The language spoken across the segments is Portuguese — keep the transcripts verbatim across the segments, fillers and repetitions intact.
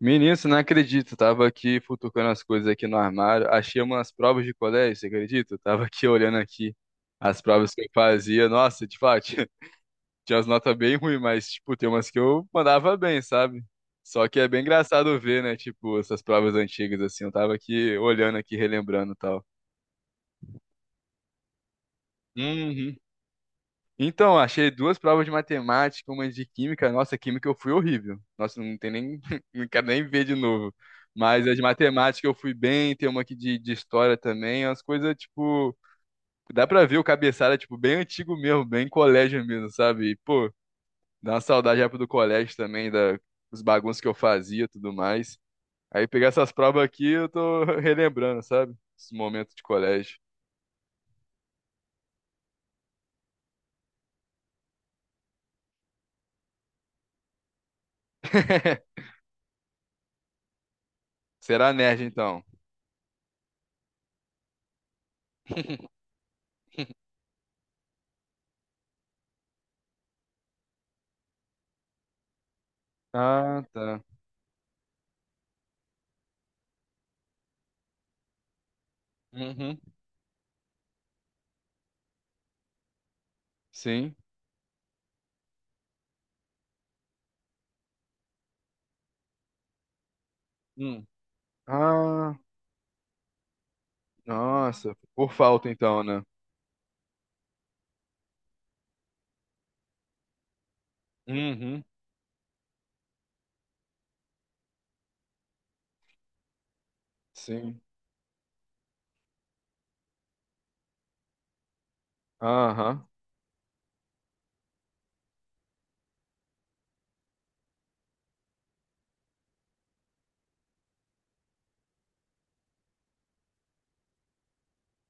Menino, você não acredita, eu tava aqui futucando as coisas aqui no armário, achei umas provas de colégio, você acredita? Eu tava aqui olhando aqui as provas que eu fazia, nossa, de fato, tinha tinha umas notas bem ruins, mas, tipo, tem umas que eu mandava bem, sabe? Só que é bem engraçado ver, né, tipo, essas provas antigas, assim, eu tava aqui olhando aqui, relembrando e tal. Uhum. Então, achei duas provas de matemática, uma de química. Nossa, química eu fui horrível. Nossa, não tem nem. Não quero nem ver de novo. Mas as de matemática eu fui bem, tem uma aqui de, de história também. Umas coisas, tipo. Dá pra ver o cabeçalho é, tipo, bem antigo mesmo, bem colégio mesmo, sabe? E, pô, dá uma saudade época do colégio também, da, dos bagunços que eu fazia e tudo mais. Aí pegar essas provas aqui, eu tô relembrando, sabe? Esse momento de colégio. Será nerd, então? Ah, tá. Uhum. Sim. Hum. Ah, nossa, por falta então, né? Uhum. Sim. Aham.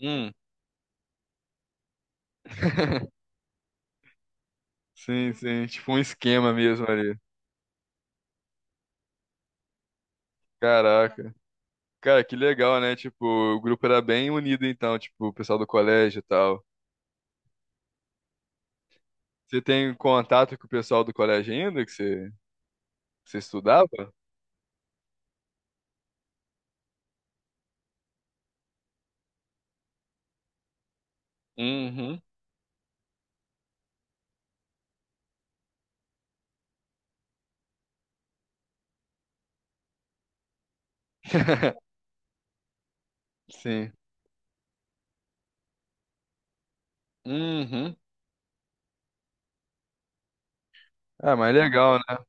Hum. Sim, sim, tipo um esquema mesmo ali. Caraca. Cara, que legal, né? Tipo, o grupo era bem unido então, tipo, o pessoal do colégio e tal. Você tem contato com o pessoal do colégio ainda que você, que você estudava? Uhum. Sim. Uhum. Ah, mas legal, né?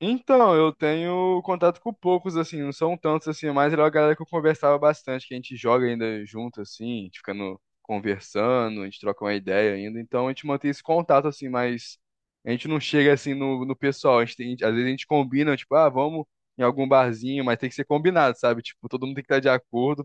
Então, eu tenho contato com poucos, assim, não são tantos, assim, mas era uma galera que eu conversava bastante, que a gente joga ainda junto, assim, a gente fica no conversando, a gente troca uma ideia ainda, então a gente mantém esse contato, assim, mas a gente não chega, assim, no, no pessoal, a gente tem- às vezes a gente combina, tipo, ah, vamos em algum barzinho, mas tem que ser combinado, sabe? Tipo, todo mundo tem que estar de acordo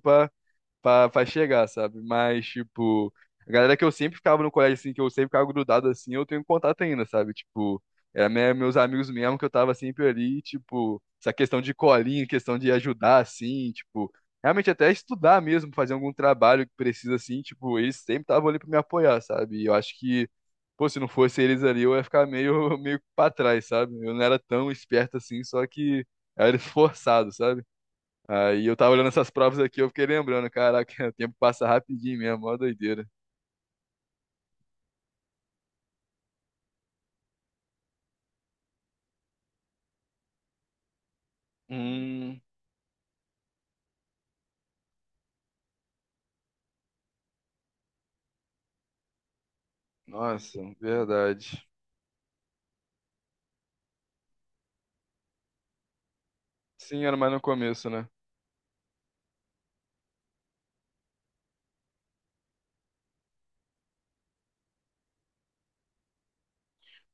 pra, pra chegar, sabe? Mas, tipo, a galera que eu sempre ficava no colégio, assim, que eu sempre ficava grudado, assim, eu tenho contato ainda, sabe? Tipo, era me- meus amigos mesmo que eu tava sempre ali, tipo, essa questão de colinha, questão de ajudar, assim, tipo, realmente até estudar mesmo, fazer algum trabalho que precisa, assim, tipo, eles sempre estavam ali pra me apoiar, sabe? E eu acho que, pô, se não fosse eles ali, eu ia ficar meio, meio pra trás, sabe? Eu não era tão esperto assim, só que eu era esforçado, sabe? Aí eu tava olhando essas provas aqui, eu fiquei lembrando, caraca, o tempo passa rapidinho mesmo, mó doideira. Hum, Nossa, verdade. Sim, era mais no começo, né?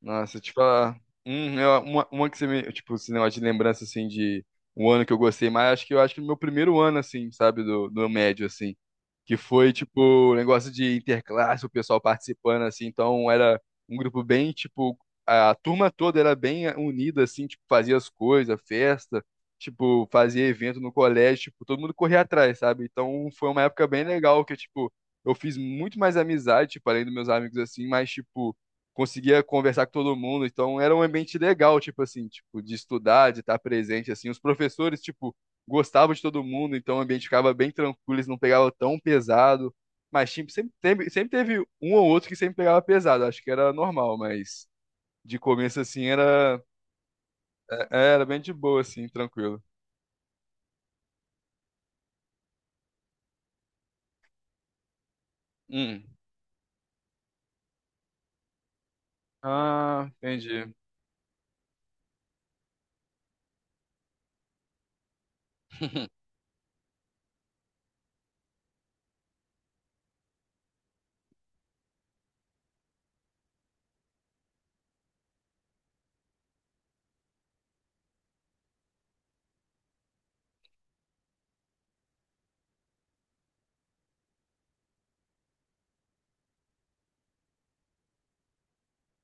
Nossa, te falar. Hum, eu- uma, uma que você me. Tipo, esse negócio de lembrança, assim, de um ano que eu gostei mais, acho que eu acho que no meu primeiro ano, assim, sabe, do, do médio, assim. Que foi tipo um negócio de interclasse, o pessoal participando assim, então era um grupo bem tipo a turma toda era bem unida assim, tipo fazia as coisas, festa, tipo fazia evento no colégio, tipo todo mundo corria atrás, sabe? Então foi uma época bem legal que tipo eu fiz muito mais amizade, tipo além dos meus amigos assim, mas tipo conseguia conversar com todo mundo, então era um ambiente legal, tipo assim, tipo de estudar, de estar presente assim, os professores tipo gostava de todo mundo, então o ambiente ficava bem tranquilo, eles não pegavam tão pesado. Mas tipo, sempre teve, sempre teve um ou outro que sempre pegava pesado, acho que era normal, mas de começo assim era, é- era bem de boa, assim, tranquilo. Hum. Ah, entendi.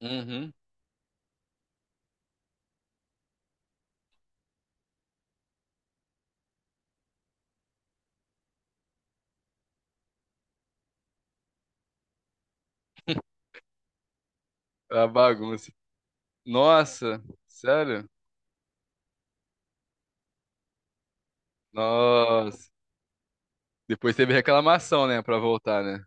Uhum. A bagunça. Nossa, sério? Nossa. Depois teve reclamação, né, pra voltar, né?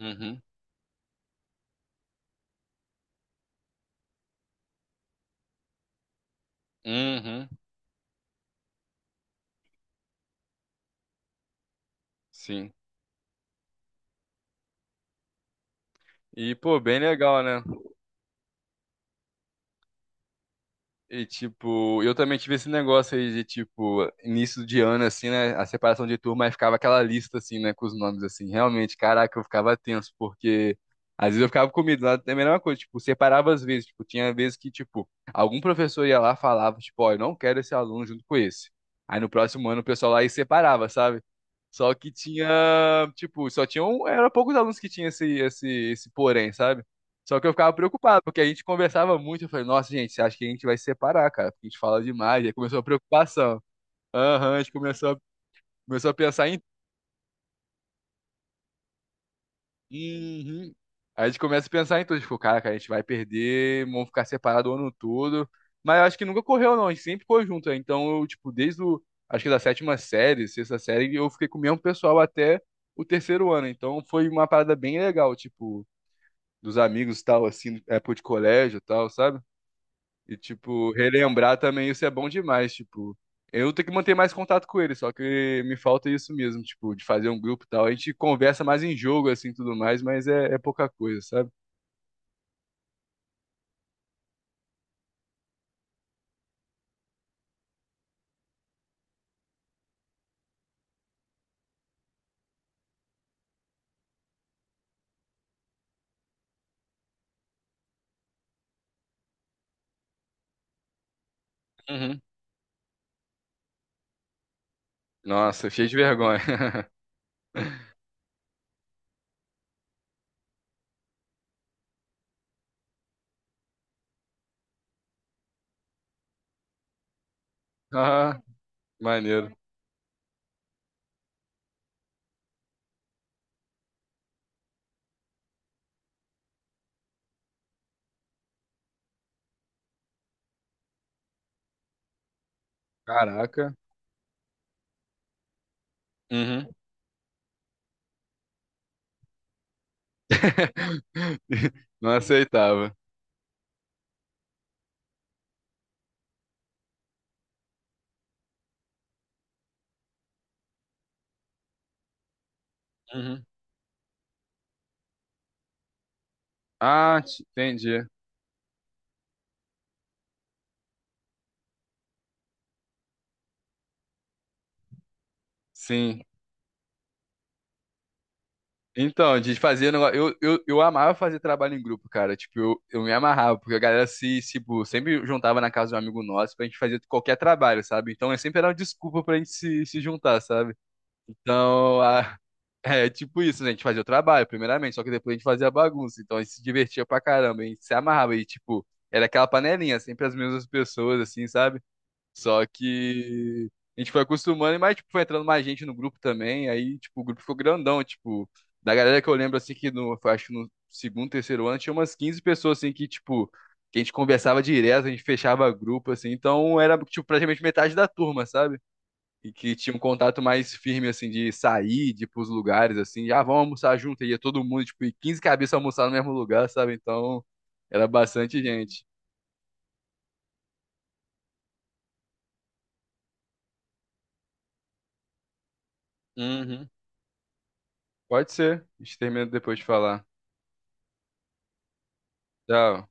Uhum. Uhum. Sim. E, pô, bem legal, né? E, tipo, eu também tive esse negócio aí de, tipo, início de ano, assim, né? A separação de turma, aí ficava aquela lista, assim, né? Com os nomes, assim. Realmente, caraca, eu ficava tenso, porque às vezes eu ficava com medo. Lá é a mesma coisa, tipo, separava às vezes. Tipo, tinha vezes que, tipo, algum professor ia lá e falava, tipo, ó, eu não quero esse aluno junto com esse. Aí no próximo ano o pessoal lá e separava, sabe? Só que tinha, tipo, só tinha um, era poucos alunos que tinha esse, esse, esse porém, sabe? Só que eu ficava preocupado, porque a gente conversava muito. Eu falei, nossa, gente, você acha que a gente vai se separar, cara? Porque a gente fala demais. Aí começou a preocupação. Aham, a gente começou a, começou a pensar em. Uhum. Aí a gente começa a pensar em tudo. Tipo, cara, cara, a gente vai perder, vamos ficar separado o ano todo. Mas eu acho que nunca correu, não. A gente sempre ficou junto. Né? Então, eu, tipo, desde o. Acho que da sétima série, sexta série, eu fiquei com o mesmo pessoal até o terceiro ano. Então, foi uma parada bem legal, tipo, dos amigos e tal, assim, época de colégio e tal, sabe? E, tipo, relembrar também isso é bom demais, tipo. Eu tenho que manter mais contato com ele, só que me falta isso mesmo, tipo, de fazer um grupo e tal. A gente conversa mais em jogo, assim, tudo mais, mas é, é pouca coisa, sabe? Uhum. Nossa, cheio de vergonha. Ah, maneiro. Caraca. Uhum. Não aceitava. Uhum. Ah, te- entendi. Sim. Então, de fazer negócio. Eu, eu, eu amava fazer trabalho em grupo, cara. Tipo, eu, eu me amarrava, porque a galera se, se, tipo, sempre juntava na casa de um amigo nosso pra gente fazer qualquer trabalho, sabe? Então, é sempre era uma desculpa pra gente se, se juntar, sabe? Então, a- é tipo isso, né? A gente fazia o trabalho, primeiramente, só que depois a gente fazia a bagunça. Então, a gente se divertia pra caramba, a gente se amarrava e, tipo, era aquela panelinha, sempre as mesmas pessoas, assim, sabe? Só que a gente foi acostumando, mas tipo, foi entrando mais gente no grupo também, aí tipo, o grupo ficou grandão, tipo, da galera que eu lembro assim que no, foi, acho que no segundo, terceiro ano tinha umas quinze pessoas assim que tipo, que a gente conversava direto, a gente fechava grupo assim, então era tipo praticamente metade da turma, sabe? E que tinha um contato mais firme assim de sair, de ir pros lugares assim, já ah, vamos almoçar junto, e ia todo mundo, tipo, e quinze cabeças almoçar no mesmo lugar, sabe? Então, era bastante gente. Uhum. Pode ser. A gente termina depois de falar. Tchau.